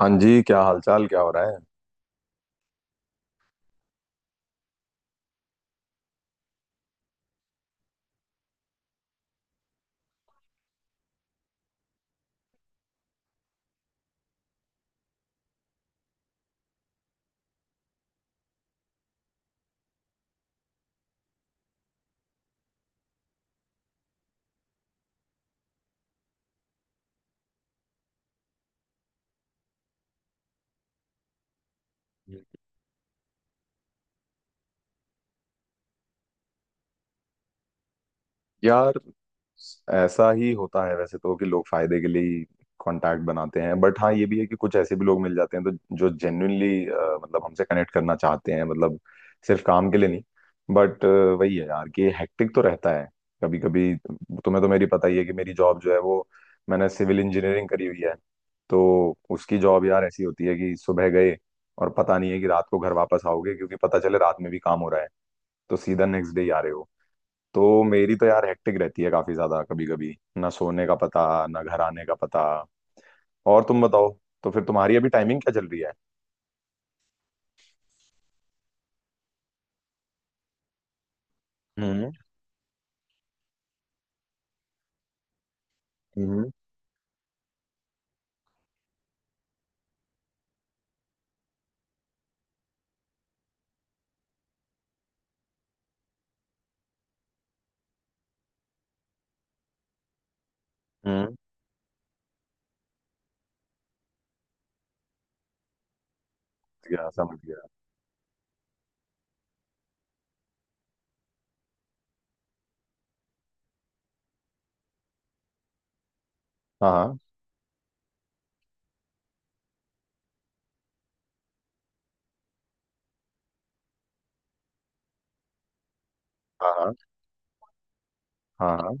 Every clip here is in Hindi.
हाँ जी, क्या हालचाल, क्या हो रहा है? यार, ऐसा ही होता है वैसे तो कि लोग फायदे के लिए ही कांटेक्ट बनाते हैं। बट हाँ, ये भी है कि कुछ ऐसे भी लोग मिल जाते हैं तो जो जेन्युइनली मतलब हमसे कनेक्ट करना चाहते हैं, मतलब सिर्फ काम के लिए नहीं। बट वही है यार कि हेक्टिक तो रहता है कभी कभी। तुम्हें तो मेरी पता ही है कि मेरी जॉब जो है वो, मैंने सिविल इंजीनियरिंग करी हुई है। तो उसकी जॉब यार ऐसी होती है कि सुबह गए और पता नहीं है कि रात को घर वापस आओगे, क्योंकि पता चले रात में भी काम हो रहा है तो सीधा नेक्स्ट डे ही आ रहे हो। तो मेरी तो यार हेक्टिक रहती है काफी ज्यादा, कभी कभी ना सोने का पता, ना घर आने का पता। और तुम बताओ, तो फिर तुम्हारी अभी टाइमिंग क्या चल रही है? हम्म। हम्म। हम्म। समझ गया, समझ गया। हाँ हाँ। हाँ हाँ। हाँ, हाँ,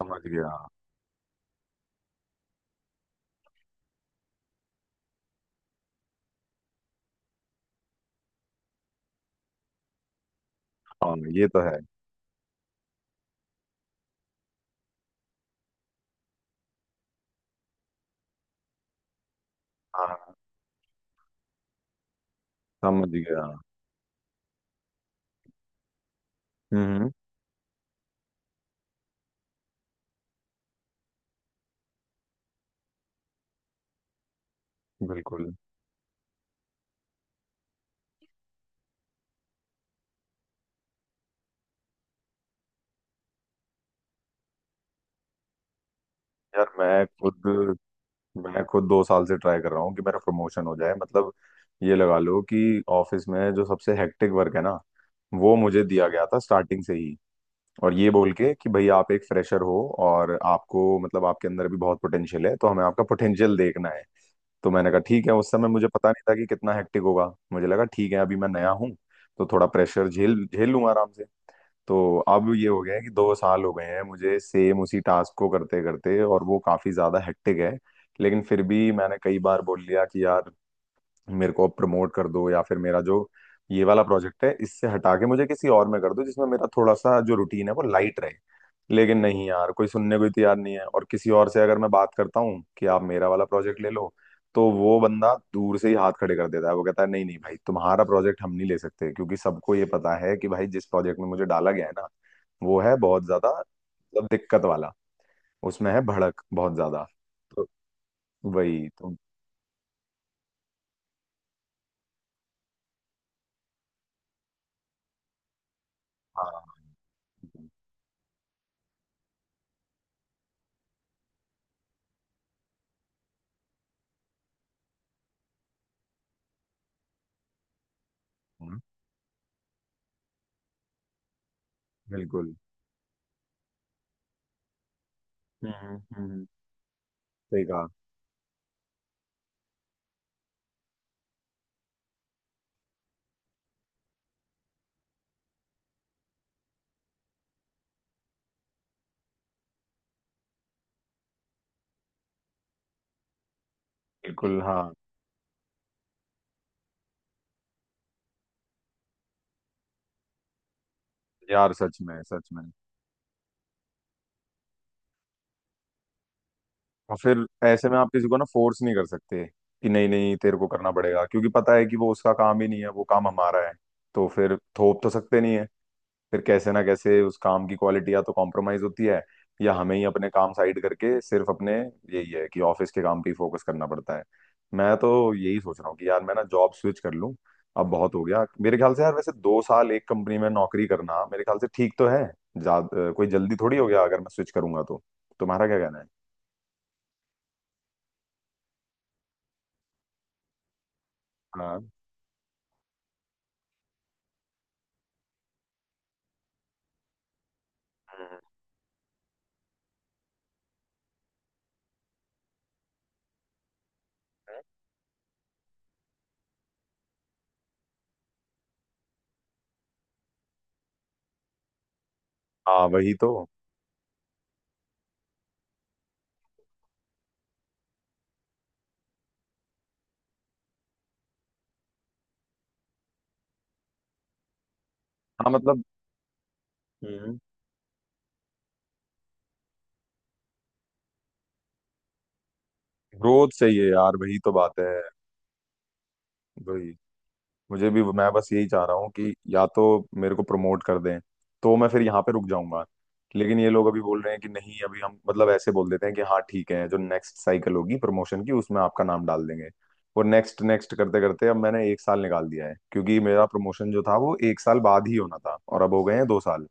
समझ गया। हाँ, ये तो है। हाँ हाँ, समझ गया। हम्म। बिल्कुल। यार मैं खुद 2 साल से ट्राई कर रहा हूँ कि मेरा प्रमोशन हो जाए। मतलब ये लगा लो कि ऑफिस में जो सबसे हेक्टिक वर्क है ना, वो मुझे दिया गया था स्टार्टिंग से ही। और ये बोल के कि भाई आप एक फ्रेशर हो, और आपको मतलब आपके अंदर भी बहुत पोटेंशियल है तो हमें आपका पोटेंशियल देखना है। तो मैंने कहा ठीक है, उस समय मुझे पता नहीं था कि कितना हेक्टिक होगा। मुझे लगा ठीक है, अभी मैं नया हूँ तो थोड़ा प्रेशर झेल झेल लूंगा आराम से। तो अब ये हो गया है कि 2 साल हो गए हैं मुझे सेम उसी टास्क को करते करते, और वो काफी ज्यादा हेक्टिक है। लेकिन फिर भी मैंने कई बार बोल लिया कि यार मेरे को अब प्रमोट कर दो, या फिर मेरा जो ये वाला प्रोजेक्ट है इससे हटा के मुझे किसी और में कर दो जिसमें मेरा थोड़ा सा जो रूटीन है वो लाइट रहे। लेकिन नहीं यार, कोई सुनने को ही तैयार नहीं है। और किसी और से अगर मैं बात करता हूँ कि आप मेरा वाला प्रोजेक्ट ले लो, तो वो बंदा दूर से ही हाथ खड़े कर देता है। वो कहता है नहीं नहीं भाई, तुम्हारा प्रोजेक्ट हम नहीं ले सकते, क्योंकि सबको ये पता है कि भाई जिस प्रोजेक्ट में मुझे डाला गया है ना, वो है बहुत ज्यादा मतलब दिक्कत वाला। उसमें है भड़क बहुत ज्यादा। तो वही तो। हाँ। बिल्कुल। हम्म। सही कहा। बिल्कुल हाँ। यार सच में सच में, और फिर ऐसे में आप किसी को ना फोर्स नहीं कर सकते कि नहीं नहीं तेरे को करना पड़ेगा, क्योंकि पता है कि वो उसका काम ही नहीं है, वो काम हमारा है, तो फिर थोप तो सकते नहीं है। फिर कैसे ना कैसे उस काम की क्वालिटी या तो कॉम्प्रोमाइज होती है, या हमें ही अपने काम साइड करके सिर्फ अपने, यही है कि ऑफिस के काम पे ही फोकस करना पड़ता है। मैं तो यही सोच रहा हूँ कि यार मैं ना जॉब स्विच कर लूँ। अब बहुत हो गया मेरे ख्याल से। यार वैसे 2 साल एक कंपनी में नौकरी करना मेरे ख्याल से ठीक तो है, ज्यादा कोई जल्दी थोड़ी हो गया अगर मैं स्विच करूंगा तो। तुम्हारा क्या कहना है? हाँ हाँ, वही तो। हाँ, मतलब। हम्म, ग्रोथ चाहिए यार, वही तो बात है। वही। मुझे भी, मैं बस यही चाह रहा हूँ कि या तो मेरे को प्रमोट कर दें तो मैं फिर यहाँ पे रुक जाऊंगा। लेकिन ये लोग अभी बोल रहे हैं कि नहीं अभी हम, मतलब ऐसे बोल देते हैं कि हाँ ठीक है, जो नेक्स्ट साइकिल होगी प्रमोशन की उसमें आपका नाम डाल देंगे। और नेक्स्ट नेक्स्ट करते करते अब मैंने एक साल निकाल दिया है, क्योंकि मेरा प्रमोशन जो था वो एक साल बाद ही होना था, और अब हो गए हैं 2 साल।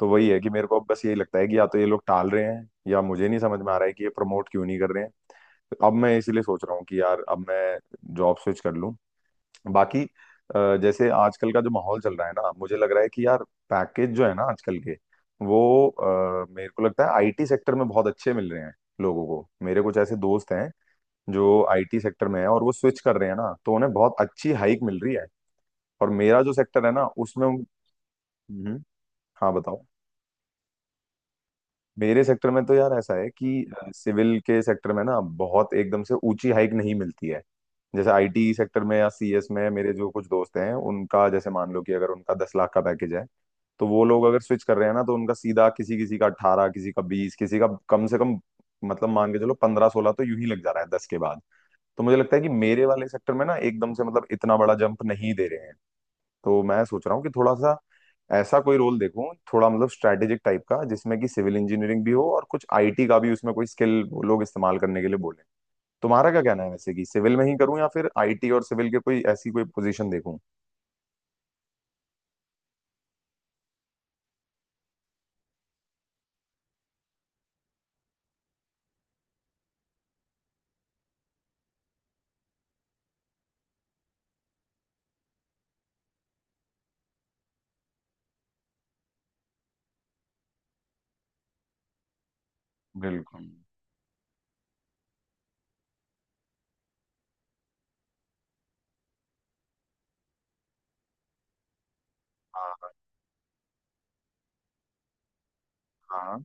तो वही है कि मेरे को अब बस यही लगता है कि या तो ये लोग टाल रहे हैं, या मुझे नहीं समझ में आ रहा है कि ये प्रमोट क्यों नहीं कर रहे हैं। तो अब मैं इसीलिए सोच रहा हूँ कि यार अब मैं जॉब स्विच कर लूँ। बाकी जैसे आजकल का जो माहौल चल रहा है ना, मुझे लग रहा है कि यार पैकेज जो है ना आजकल के, वो मेरे को लगता है आईटी सेक्टर में बहुत अच्छे मिल रहे हैं लोगों को। मेरे कुछ ऐसे दोस्त हैं जो आईटी सेक्टर में है, और वो स्विच कर रहे हैं ना तो उन्हें बहुत अच्छी हाइक मिल रही है। और मेरा जो सेक्टर है ना, उसमें। हम्म। हाँ बताओ। मेरे सेक्टर में तो यार ऐसा है कि सिविल के सेक्टर में ना बहुत एकदम से ऊंची हाइक नहीं मिलती है। जैसे आईटी सेक्टर में या सीएस में, मेरे जो कुछ दोस्त हैं उनका, जैसे मान लो कि अगर उनका 10 लाख का पैकेज है, तो वो लोग अगर स्विच कर रहे हैं ना तो उनका सीधा किसी किसी का 18, किसी का 20, किसी का कम से कम, मतलब मान के चलो 15 16 तो यूं ही लग जा रहा है 10 के बाद। तो मुझे लगता है कि मेरे वाले सेक्टर में ना एकदम से मतलब इतना बड़ा जंप नहीं दे रहे हैं। तो मैं सोच रहा हूँ कि थोड़ा सा ऐसा कोई रोल देखूं, थोड़ा मतलब स्ट्रैटेजिक टाइप का, जिसमें कि सिविल इंजीनियरिंग भी हो और कुछ आईटी का भी, उसमें कोई स्किल वो लोग इस्तेमाल करने के लिए बोले। तुम्हारा क्या कहना है वैसे, कि सिविल में ही करूं या फिर आईटी और सिविल के कोई ऐसी कोई पोजीशन देखूं? बिल्कुल। हाँ हाँ।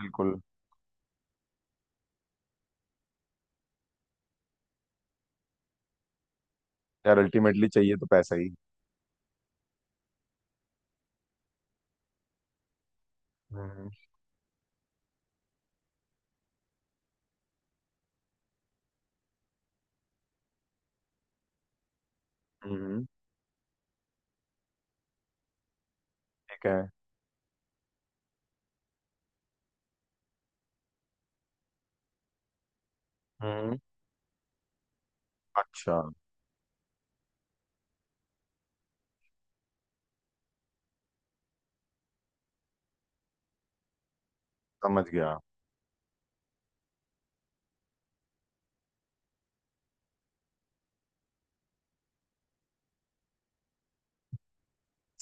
बिल्कुल। यार अल्टीमेटली चाहिए तो पैसा ही। हम्म हम्म। ठीक है। हम्म। अच्छा। समझ गया।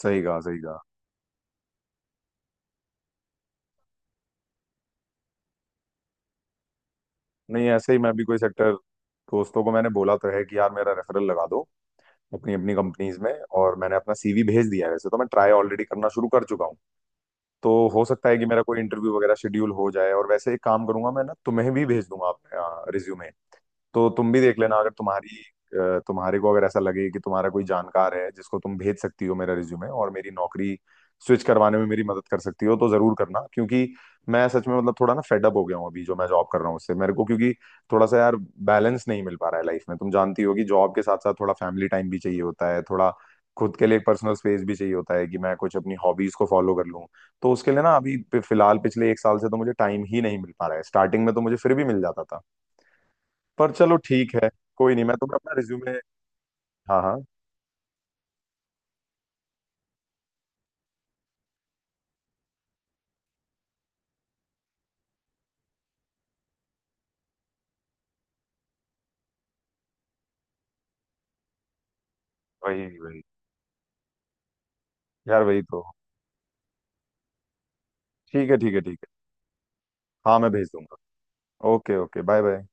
सही कहा सही कहा। नहीं ऐसे ही, मैं भी कोई सेक्टर, दोस्तों को मैंने बोला तो है कि यार मेरा रेफरल लगा दो अपनी अपनी कंपनीज में। और मैंने अपना सीवी भेज दिया है, वैसे तो मैं ट्राई ऑलरेडी करना शुरू कर चुका हूँ। तो हो सकता है कि मेरा कोई इंटरव्यू वगैरह शेड्यूल हो जाए। और वैसे एक काम करूंगा मैं ना, तुम्हें भी भेज दूंगा अपना रिज्यूमे। तो तुम भी देख लेना, अगर तुम्हारी तुम्हारे को अगर ऐसा लगे कि तुम्हारा कोई जानकार है जिसको तुम भेज सकती हो मेरा रिज्यूमे, और मेरी नौकरी स्विच करवाने में मेरी मदद कर सकती हो तो जरूर करना। क्योंकि मैं सच में, मतलब थोड़ा ना फेडअप हो गया हूँ अभी जो मैं जॉब कर रहा हूँ उससे, मेरे को क्योंकि थोड़ा सा यार बैलेंस नहीं मिल पा रहा है लाइफ में। तुम जानती हो कि जॉब के साथ साथ थोड़ा फैमिली टाइम भी चाहिए होता है, थोड़ा खुद के लिए एक पर्सनल स्पेस भी चाहिए होता है कि मैं कुछ अपनी हॉबीज को फॉलो कर लूँ। तो उसके लिए ना अभी फिलहाल पिछले एक साल से तो मुझे टाइम ही नहीं मिल पा रहा है। स्टार्टिंग में तो मुझे फिर भी मिल जाता था। पर चलो, ठीक है। कोई नहीं, मैं तुम्हें अपना रिज्यूमे। हाँ हाँ। वही वही। यार वही तो। ठीक है, ठीक है, ठीक है। हाँ, मैं भेज दूंगा। Okay okay, bye bye.